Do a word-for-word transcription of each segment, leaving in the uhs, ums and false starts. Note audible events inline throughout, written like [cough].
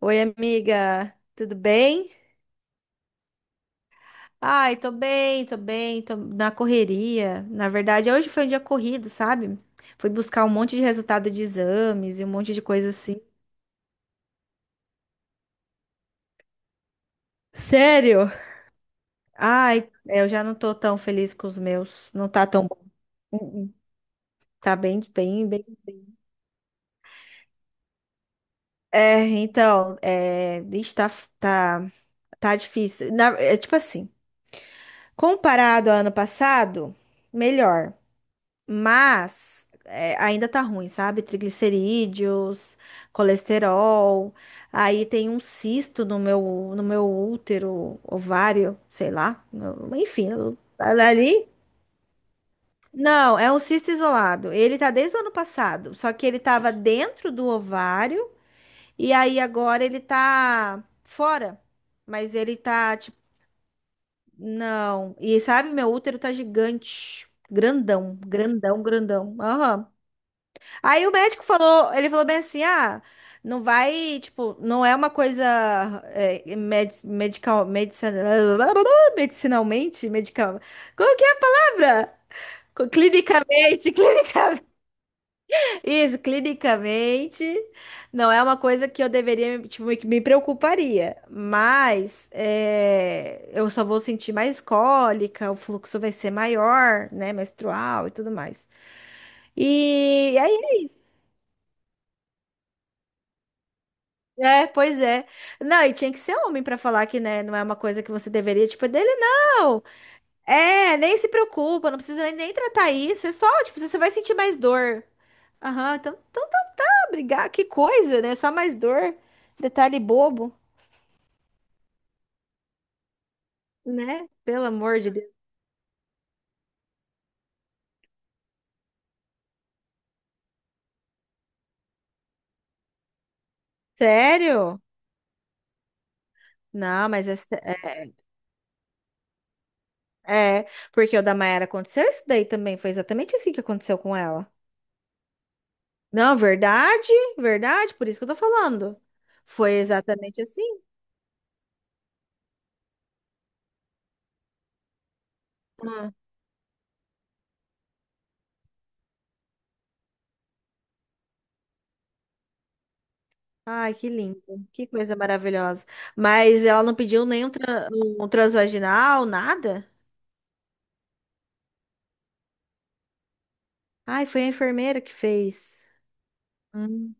Oi, amiga, tudo bem? Ai, tô bem, tô bem, tô na correria. Na verdade, hoje foi um dia corrido, sabe? Fui buscar um monte de resultado de exames e um monte de coisa assim. Sério? Ai, é, eu já não tô tão feliz com os meus. Não tá tão bom. Uh, uh. Tá bem, bem, bem. É, então, é, ixi, tá, tá, tá difícil. Na- é, tipo assim, comparado ao ano passado, melhor. Mas é, ainda tá ruim, sabe? Triglicerídeos, colesterol. Aí tem um cisto no meu, no meu útero, ovário, sei lá. no- Enfim, ali. Não, é um cisto isolado. Ele tá desde o ano passado, só que ele tava dentro do ovário e aí agora ele tá fora. Mas ele tá tipo, não. E sabe, meu útero tá gigante, grandão, grandão, grandão. Aham. Aí o médico falou, ele falou bem assim, ah, não vai, tipo, não é uma coisa é, med, medical, medicina, [laughs] medicinalmente, medical, como que é a palavra? Co- Clinicamente, [laughs] clinicamente, isso, clinicamente, não é uma coisa que eu deveria, tipo, que me preocuparia, mas é, eu só vou sentir mais cólica, o fluxo vai ser maior, né, menstrual e tudo mais. E É, pois é. Não, e tinha que ser homem pra falar que, né, não é uma coisa que você deveria, tipo, é dele, não. É, nem se preocupa, não precisa nem, nem tratar isso. É só, tipo, você vai sentir mais dor. Aham, então, então tá pra brigar, que coisa, né? Só mais dor. Detalhe bobo, né? Pelo amor de Deus. Sério? Não, mas é, sé- é, é, porque o da Mayara aconteceu isso daí também. Foi exatamente assim que aconteceu com ela. Não, verdade, verdade, por isso que eu tô falando. Foi exatamente assim. Ai, que lindo. Que coisa maravilhosa. Mas ela não pediu nenhum tra- um transvaginal, nada? Ai, foi a enfermeira que fez. Hum.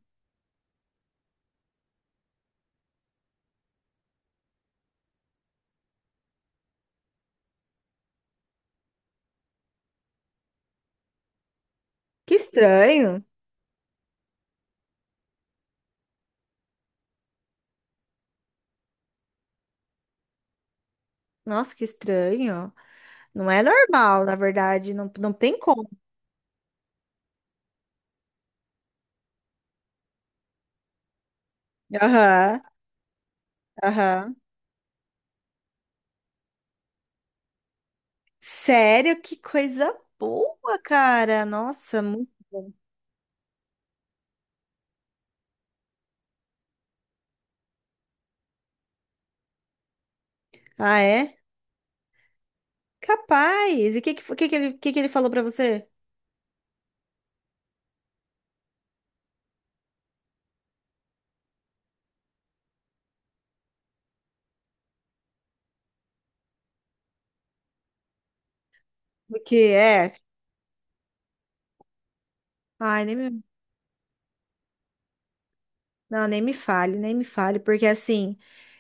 Que estranho. Nossa, que estranho. Não é normal, na verdade. Não, não tem como. Aham, aham. Sério, que coisa boa, cara. Nossa, muito bom. Ah, é? Capaz. E o que, que, fo- que, que ele, que, que ele falou pra você? O que é? Ai, nem me Não, nem me fale, nem me fale, porque assim,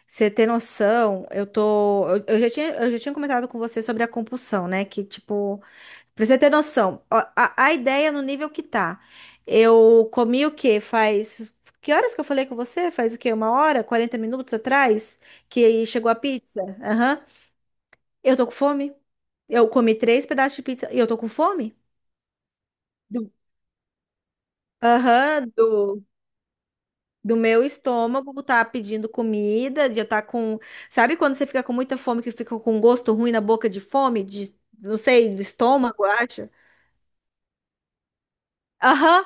você ter noção, eu tô. Eu, eu já tinha, eu já tinha comentado com você sobre a compulsão, né? Que, tipo, pra você ter noção, ó, a, a ideia no nível que tá. Eu comi o quê? Faz. Que horas que eu falei com você? Faz o quê? Uma hora? Quarenta minutos atrás? Que chegou a pizza? Aham. Eu tô com fome. Eu comi três pedaços de pizza e eu tô com fome? Do- Aham, do meu estômago tá pedindo comida, de eu tá com, sabe quando você fica com muita fome que fica com um gosto ruim na boca de fome, de não sei, do estômago, eu acho. Aham.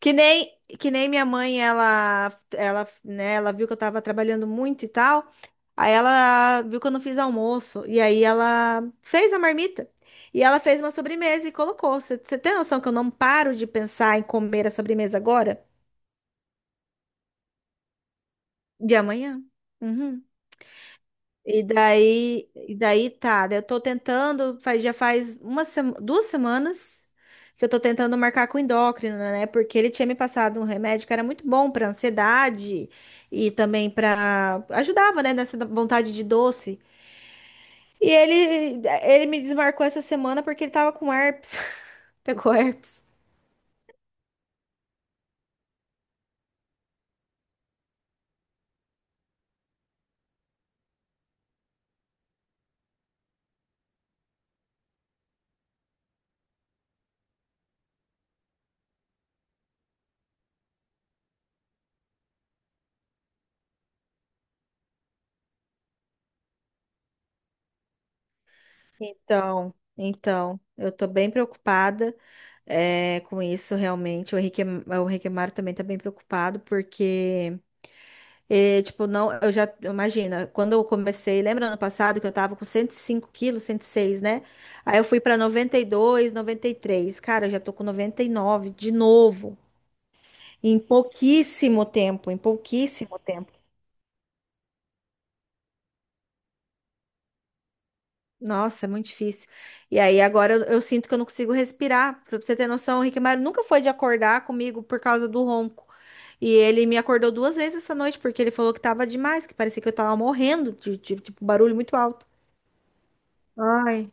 Que nem que nem minha mãe, ela ela, né, ela viu que eu tava trabalhando muito e tal. Aí ela viu que eu não fiz almoço e aí ela fez a marmita. E ela fez uma sobremesa e colocou. Você tem noção que eu não paro de pensar em comer a sobremesa agora? De amanhã? Uhum. E daí, e daí tá, daí eu tô tentando, faz, já faz uma sema- duas semanas que eu tô tentando marcar com o endócrino, né? Porque ele tinha me passado um remédio que era muito bom pra ansiedade e também pra ajudava, né, nessa vontade de doce. E ele ele me desmarcou essa semana porque ele tava com herpes. [laughs] Pegou herpes. Então, então, eu tô bem preocupada é, com isso realmente. O Henrique, o Henrique Mário também tá bem preocupado porque é, tipo, não, eu já, imagina, quando eu comecei, lembra ano passado que eu tava com cento e cinco quilos, cento e seis, né? Aí eu fui pra noventa e dois, noventa e três. Cara, eu já tô com noventa e nove de novo, em pouquíssimo tempo, em pouquíssimo tempo. Nossa, é muito difícil. E aí agora eu, eu sinto que eu não consigo respirar. Pra você ter noção, o Rick Mário nunca foi de acordar comigo por causa do ronco. E ele me acordou duas vezes essa noite porque ele falou que tava demais, que parecia que eu tava morrendo de, de, tipo, barulho muito alto. Ai,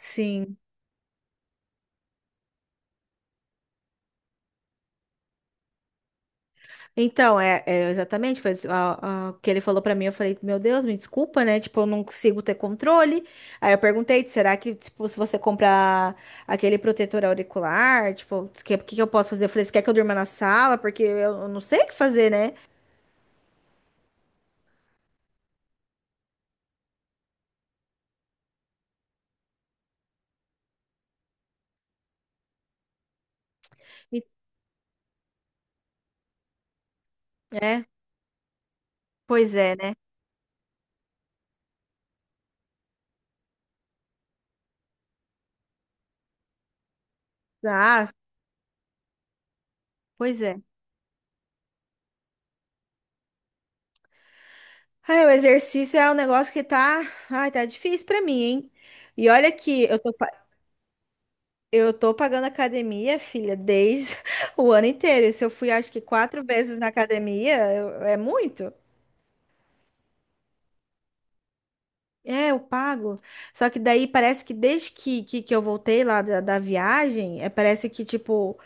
sim. Então, é, é exatamente, foi a- a- o que ele falou pra mim, eu falei, meu Deus, me desculpa, né? Tipo, eu não consigo ter controle. Aí eu perguntei, será que, tipo, se você comprar aquele protetor auricular, tipo, o que, que eu posso fazer? Eu falei, você quer que eu durma na sala? Porque eu, eu não sei o que fazer, né? E- é, pois é, né? Ah, pois é. Ai, o exercício é um negócio que tá, ai, tá difícil pra mim, hein? E olha que eu tô, Eu tô pagando academia, filha, desde [laughs] o ano inteiro. E se eu fui, acho que quatro vezes na academia, eu- é muito? É, eu pago. Só que daí parece que desde que, que, que eu voltei lá da, da, viagem, é, parece que, tipo,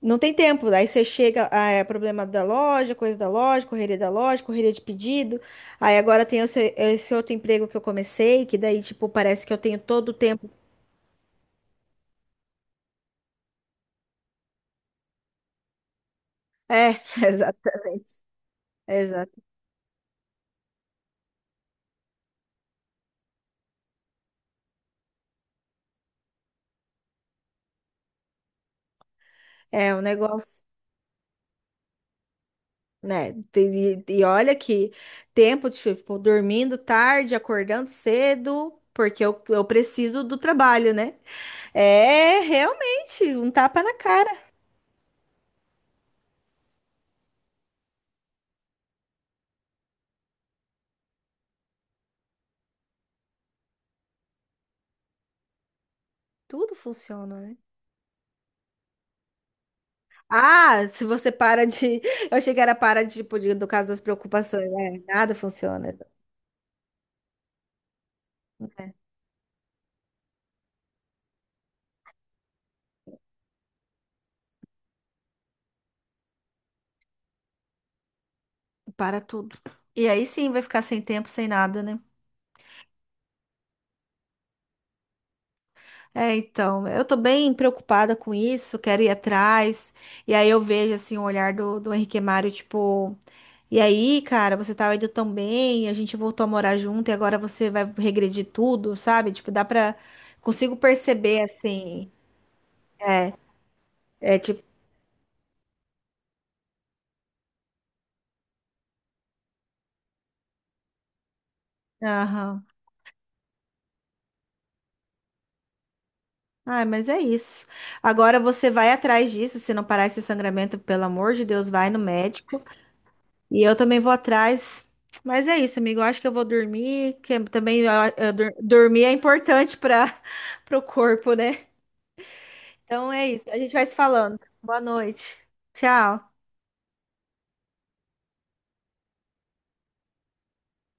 não tem tempo. Aí você chega, ah, é problema da loja, coisa da loja, correria da loja, correria de pedido. Aí agora tem esse, esse outro emprego que eu comecei, que daí, tipo, parece que eu tenho todo o tempo. É, [laughs] exatamente. Exato. É, um negócio. Né? E, e olha que tempo, tipo, dormindo tarde, acordando cedo, porque eu, eu preciso do trabalho, né? É realmente um tapa na cara. Tudo funciona, né? Ah, se você para de. [laughs] Eu achei que era para de, tipo, de- do caso das preocupações, né? Nada funciona. Para tudo. E aí sim vai ficar sem tempo, sem nada, né? É, então, eu tô bem preocupada com isso, quero ir atrás. E aí eu vejo assim o olhar do, do, Henrique Mário, tipo. E aí, cara, você tava indo tão bem, a gente voltou a morar junto e agora você vai regredir tudo, sabe? Tipo, dá pra. Consigo perceber assim. É, é tipo. Aham. Ai, mas é isso. Agora você vai atrás disso, se não parar esse sangramento, pelo amor de Deus, vai no médico. E eu também vou atrás. Mas é isso, amigo. Eu acho que eu vou dormir, que também eu- eu dor- dormir é importante para o [laughs] corpo, né? Então é isso. A gente vai se falando. Boa noite. Tchau.